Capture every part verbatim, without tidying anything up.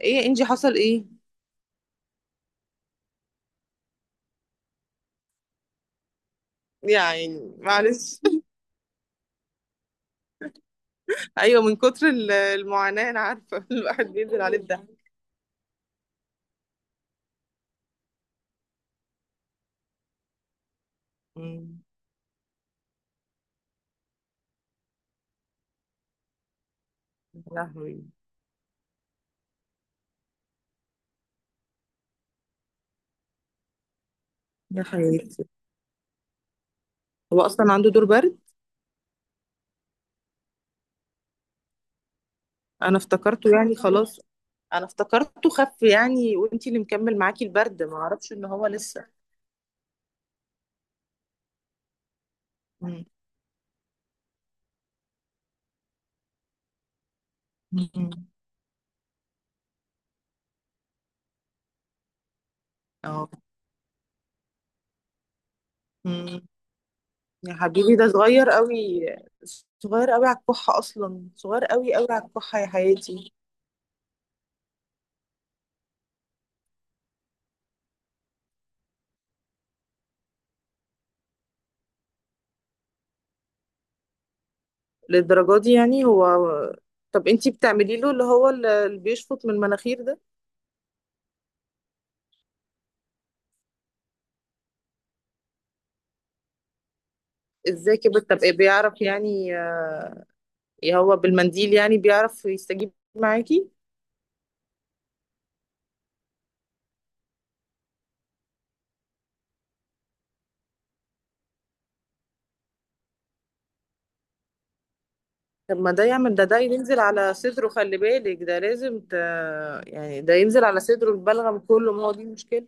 ايه انجي، حصل ايه؟ يعني معلش. ايوه، من كتر ال- المعاناة انا عارفة. الواحد بينزل عليه الدم. يا لهوي. يا حياتي، هو اصلا عنده دور برد. انا افتكرته يعني خلاص، انا افتكرته خف يعني، وانتي اللي مكمل معاكي البرد، ما اعرفش ان هو لسه. مم. مم. اه. مم. يا حبيبي ده صغير قوي. صغير قوي على الكحة، اصلا صغير قوي قوي على الكحة يا حياتي. للدرجة دي يعني هو؟ طب انتي بتعملي له اللي هو ال- اللي بيشفط من المناخير ده؟ ازاي كده؟ طب ايه، بيعرف يعني آه، هو بالمنديل يعني بيعرف يستجيب معاكي؟ طب ما ده يعمل ده ده ينزل على صدره، خلي بالك ده لازم ت... يعني ده ينزل على صدره البلغم كله، ما هو دي المشكلة.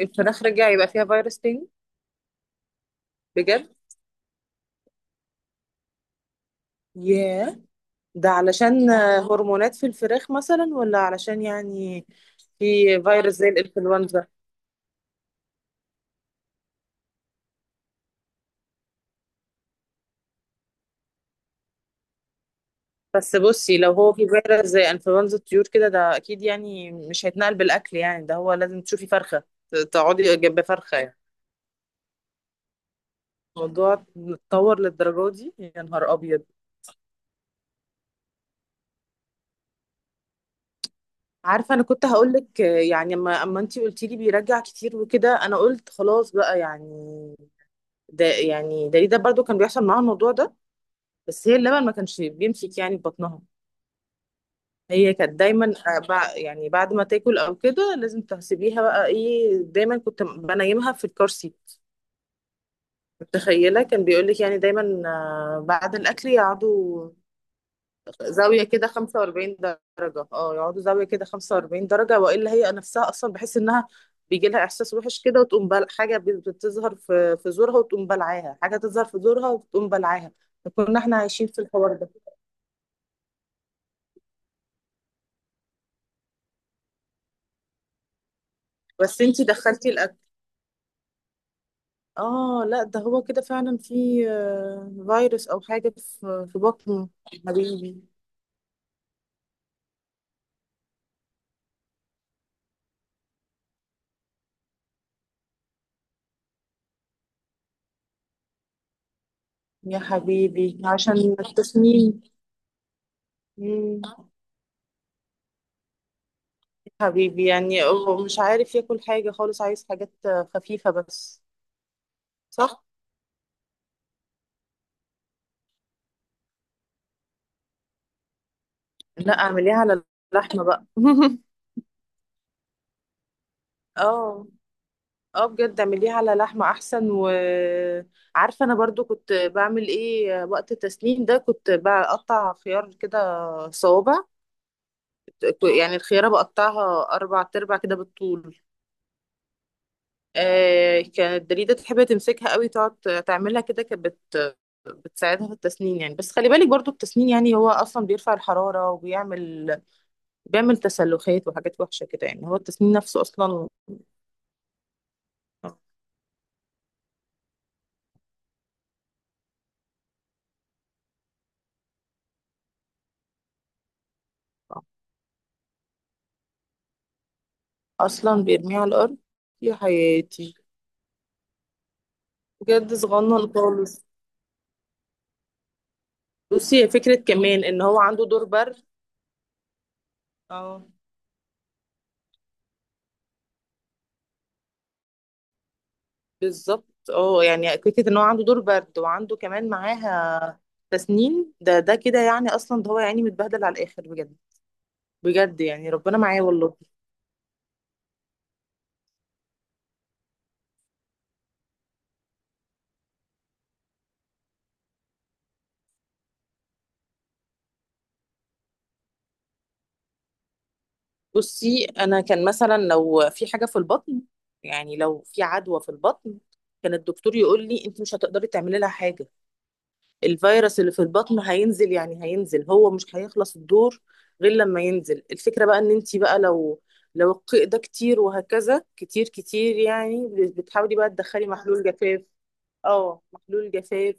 الفراخ رجع يبقى فيها فيروس تاني؟ بجد؟ ياه. ده علشان آه، هرمونات في الفراخ مثلا، ولا علشان يعني في فيروس زي الانفلونزا؟ بس بصي، لو هو في فيروس زي انفلونزا الطيور كده، ده اكيد يعني مش هيتنقل بالاكل، يعني ده هو لازم تشوفي فرخه، ت- تقعدي جنب فرخه يعني. الموضوع اتطور للدرجه دي؟ يا نهار ابيض. عارفه انا كنت هقول لك يعني، اما اما انتي قلتي لي بيرجع كتير وكده، انا قلت خلاص بقى يعني. ده يعني ده ده برضو كان بيحصل معاها الموضوع ده، بس هي اللبن ما كانش بيمسك يعني في بطنها. هي كانت دايما آه، بع- يعني بعد ما تاكل او كده لازم تحسبيها، بقى ايه، دايما كنت بنيمها في الكرسي. متخيلة، كان بيقولك يعني دايما آه، بعد الأكل يقعدوا زاوية كده خمسة واربعين درجة، اه، يقعدوا زاوية كده خمسة واربعين درجة، وإلا هي نفسها أصلا بحس إنها بيجي لها إحساس وحش كده، وتقوم بل... حاجة بت- بتظهر في في زورها وتقوم بلعاها، حاجة تظهر في زورها وتقوم بلعاها. كنا احنا عايشين في الحوار ده. بس انتي دخلتي الأكل؟ اه لا، ده هو كده فعلا في آه، فيروس أو حاجة في في بطنه. حبيبي. يا حبيبي عشان التسمين. مم. حبيبي يعني هو مش عارف ياكل حاجة خالص، عايز حاجات خفيفة بس. صح؟ لا اعمليها على اللحمة بقى. اه. اه بجد، اعمليها على لحمة احسن. وعارفة انا برضو كنت بعمل ايه وقت التسنين ده؟ كنت بقطع خيار كده صوابع. يعني الخيارة بقطعها اربع تربع كده بالطول. آه، كانت دليدة تحب تمسكها قوي، تقعد تعملها كده، كانت بت بتساعدها في التسنين يعني. بس خلي بالك برضو التسنين يعني هو اصلا بيرفع الحرارة، وبيعمل بيعمل تسلخات وحاجات وحشة كده، يعني هو التسنين نفسه اصلا. اصلا بيرميها على الارض؟ يا حياتي. بجد صغنن خالص. بصي، هي فكرة كمان ان هو عنده دور برد. اه. بالظبط، اه، يعني فكرة ان هو عنده دور برد وعنده كمان معاها تسنين، ده ده كده يعني اصلا، ده هو يعني متبهدل على الاخر بجد. بجد يعني ربنا معايا والله. بصي انا، كان مثلا لو في حاجه في البطن، يعني لو في عدوى في البطن، كان الدكتور يقول لي انت مش هتقدري تعملي لها حاجه. الفيروس اللي في البطن هينزل، يعني هينزل، هو مش هيخلص الدور غير لما ينزل. الفكره بقى ان انت بقى، لو لو القيء ده كتير وهكذا، كتير كتير يعني، بتحاولي بقى تدخلي محلول جفاف. اه، محلول جفاف.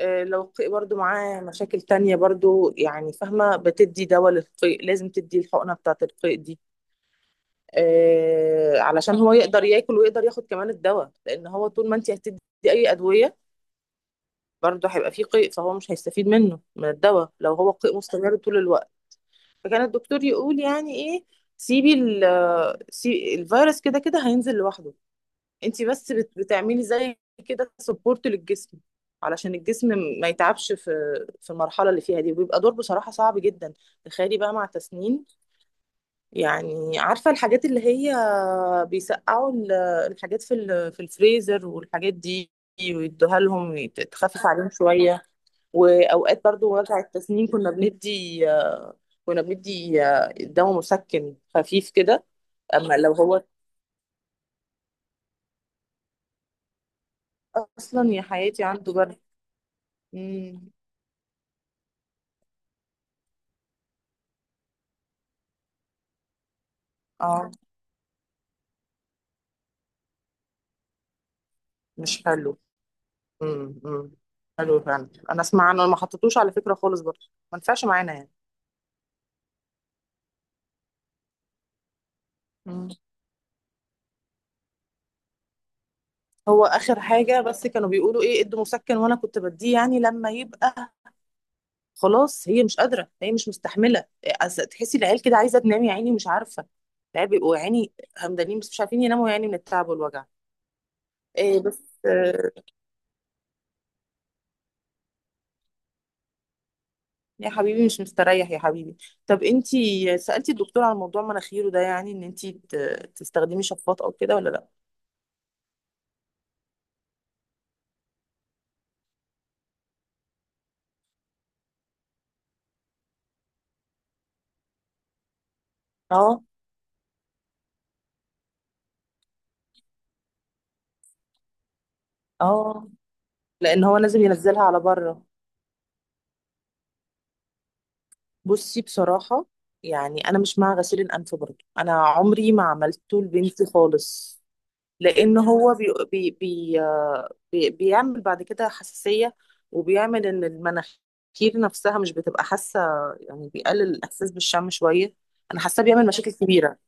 آه، لو القيء برضو معاه مشاكل تانية برضو يعني، فاهمة، بتدي دواء للقيء، لازم تدي الحقنة بتاعة القيء دي، آه، علشان هو يقدر ياكل ويقدر ياخد كمان الدواء، لأن هو طول ما انت هتدي أي أدوية برضو هيبقى فيه قيء، فهو مش هيستفيد منه، من الدواء، لو هو قيء مستمر طول الوقت. فكان الدكتور يقول يعني إيه، سيبي ال- سي- الفيروس كده كده هينزل لوحده. انت بس بت- بتعملي زي كده سبورت للجسم، علشان الجسم ما يتعبش في في المرحله اللي فيها دي. وبيبقى دور بصراحه صعب جدا، تخيلي بقى مع تسنين. يعني عارفه الحاجات اللي هي بيسقعوا ال- الحاجات في ال- في الفريزر والحاجات دي، ويدوها لهم، يت- تخفف عليهم شويه. واوقات برضو وجع التسنين كنا بندي كنا بندي دواء مسكن خفيف كده. اما لو هو اصلا يا حياتي عنده جرح. مم. اه مش حلو. امم، امم. حلو فعلا، انا اسمع عنه، ما حطيتوش على فكره خالص برضه، ما نفعش معانا يعني. مم. هو اخر حاجه بس كانوا بيقولوا ايه، ادوا مسكن، وانا كنت بديه يعني لما يبقى خلاص هي مش قادره، هي مش مستحمله. أز- تحسي العيال كده عايزه تنام يا عيني، مش عارفه. العيال بيبقوا يا عيني همدانين بس مش عارفين يناموا يعني، من التعب والوجع. إيه بس آه، يا حبيبي مش مستريح يا حبيبي. طب انتي سألتي الدكتور على موضوع مناخيره ده؟ يعني ان انتي ت- تستخدمي شفاط او كده، ولا لا؟ اه اه. لان هو لازم ينزلها على بره. بصي بصراحه، يعني انا مش مع غسيل الانف برضه، انا عمري ما عملته لبنتي خالص. لان هو بي بي بي آه، بي بيعمل بعد كده حساسيه، وبيعمل ان المناخير نفسها مش بتبقى حاسه، يعني بيقلل الاحساس بالشم شويه. انا حاسه بيعمل مشاكل كبيره.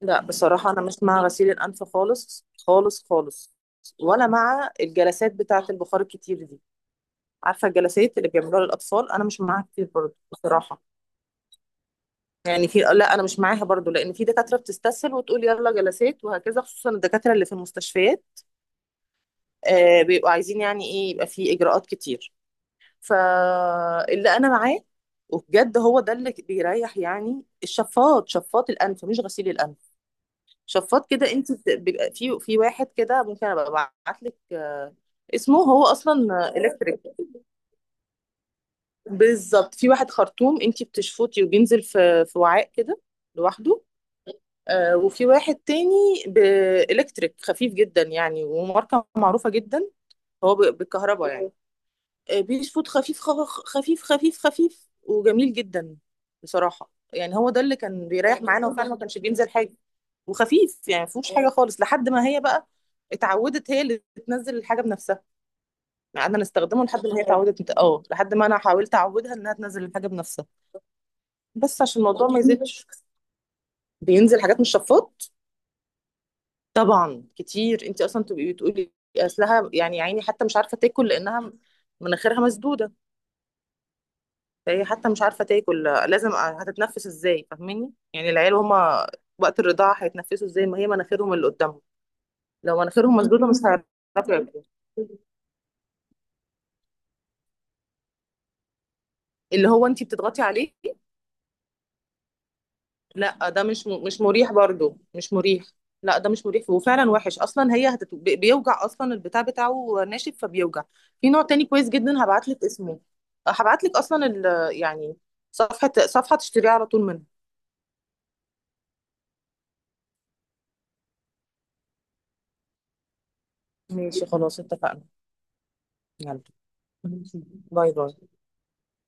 لا بصراحه انا مش مع غسيل الانف خالص خالص خالص، ولا مع الجلسات بتاعه البخار الكتير دي. عارفه الجلسات اللي بيعملوها للاطفال؟ انا مش معاها كتير برضه بصراحه. يعني في، لا، انا مش معاها برضه، لان في دكاتره بتستسهل وتقول يلا جلسات وهكذا، خصوصا الدكاتره اللي في المستشفيات، آه، بيبقوا عايزين يعني ايه، يبقى في اجراءات كتير. فاللي انا معاه وبجد هو ده اللي بيريح، يعني الشفاط، شفاط الانف، مش غسيل الانف. شفاط كده، انت بت- بيبقى في في واحد كده، ممكن ابقى ابعت لك آه، اسمه. هو اصلا الكتريك. بالظبط، في واحد خرطوم انتي بتشفطي وبينزل في في وعاء كده لوحده. آه، وفي واحد تاني بإلكتريك خفيف جدا يعني، وماركة معروفة جدا. هو ب- بالكهرباء يعني، آه بيشفط خفيف، خف- خفيف خفيف خفيف، وجميل جدا بصراحة. يعني هو ده اللي كان بيريح معانا، وفعلا ما كانش بينزل حاجة، وخفيف يعني ما فيهوش حاجة خالص، لحد ما هي بقى اتعودت هي اللي تنزل الحاجة بنفسها. قعدنا نستخدمه لحد ما هي اتعودت، اه، لحد ما انا حاولت اعودها انها تنزل الحاجة بنفسها، بس عشان الموضوع ما يزيدش. بينزل حاجات من الشفاط طبعا كتير. انت اصلا تبقي بتقولي اصلها يعني يا عيني حتى مش عارفه تاكل، لانها مناخيرها مسدوده، فهي حتى مش عارفه تاكل، لازم هتتنفس ازاي، فاهماني يعني؟ العيال هما وقت الرضاعه هيتنفسوا ازاي، ما هي مناخيرهم اللي قدامهم، لو مناخيرهم مسدوده مش هيعرفوا ياكلوا. اللي هو انت بتضغطي عليه؟ لا ده مش م- مش مريح برضو، مش مريح. لا ده مش مريح، وفعلا وحش اصلا. هي هتت... بي- بيوجع اصلا، البتاع بتاعه ناشف فبيوجع. في نوع تاني كويس جدا، هبعت لك اسمه، هبعت لك اصلا ال... يعني صفحة، صفحة تشتريها على طول منها. ماشي خلاص اتفقنا. يلا. ماشي. باي باي.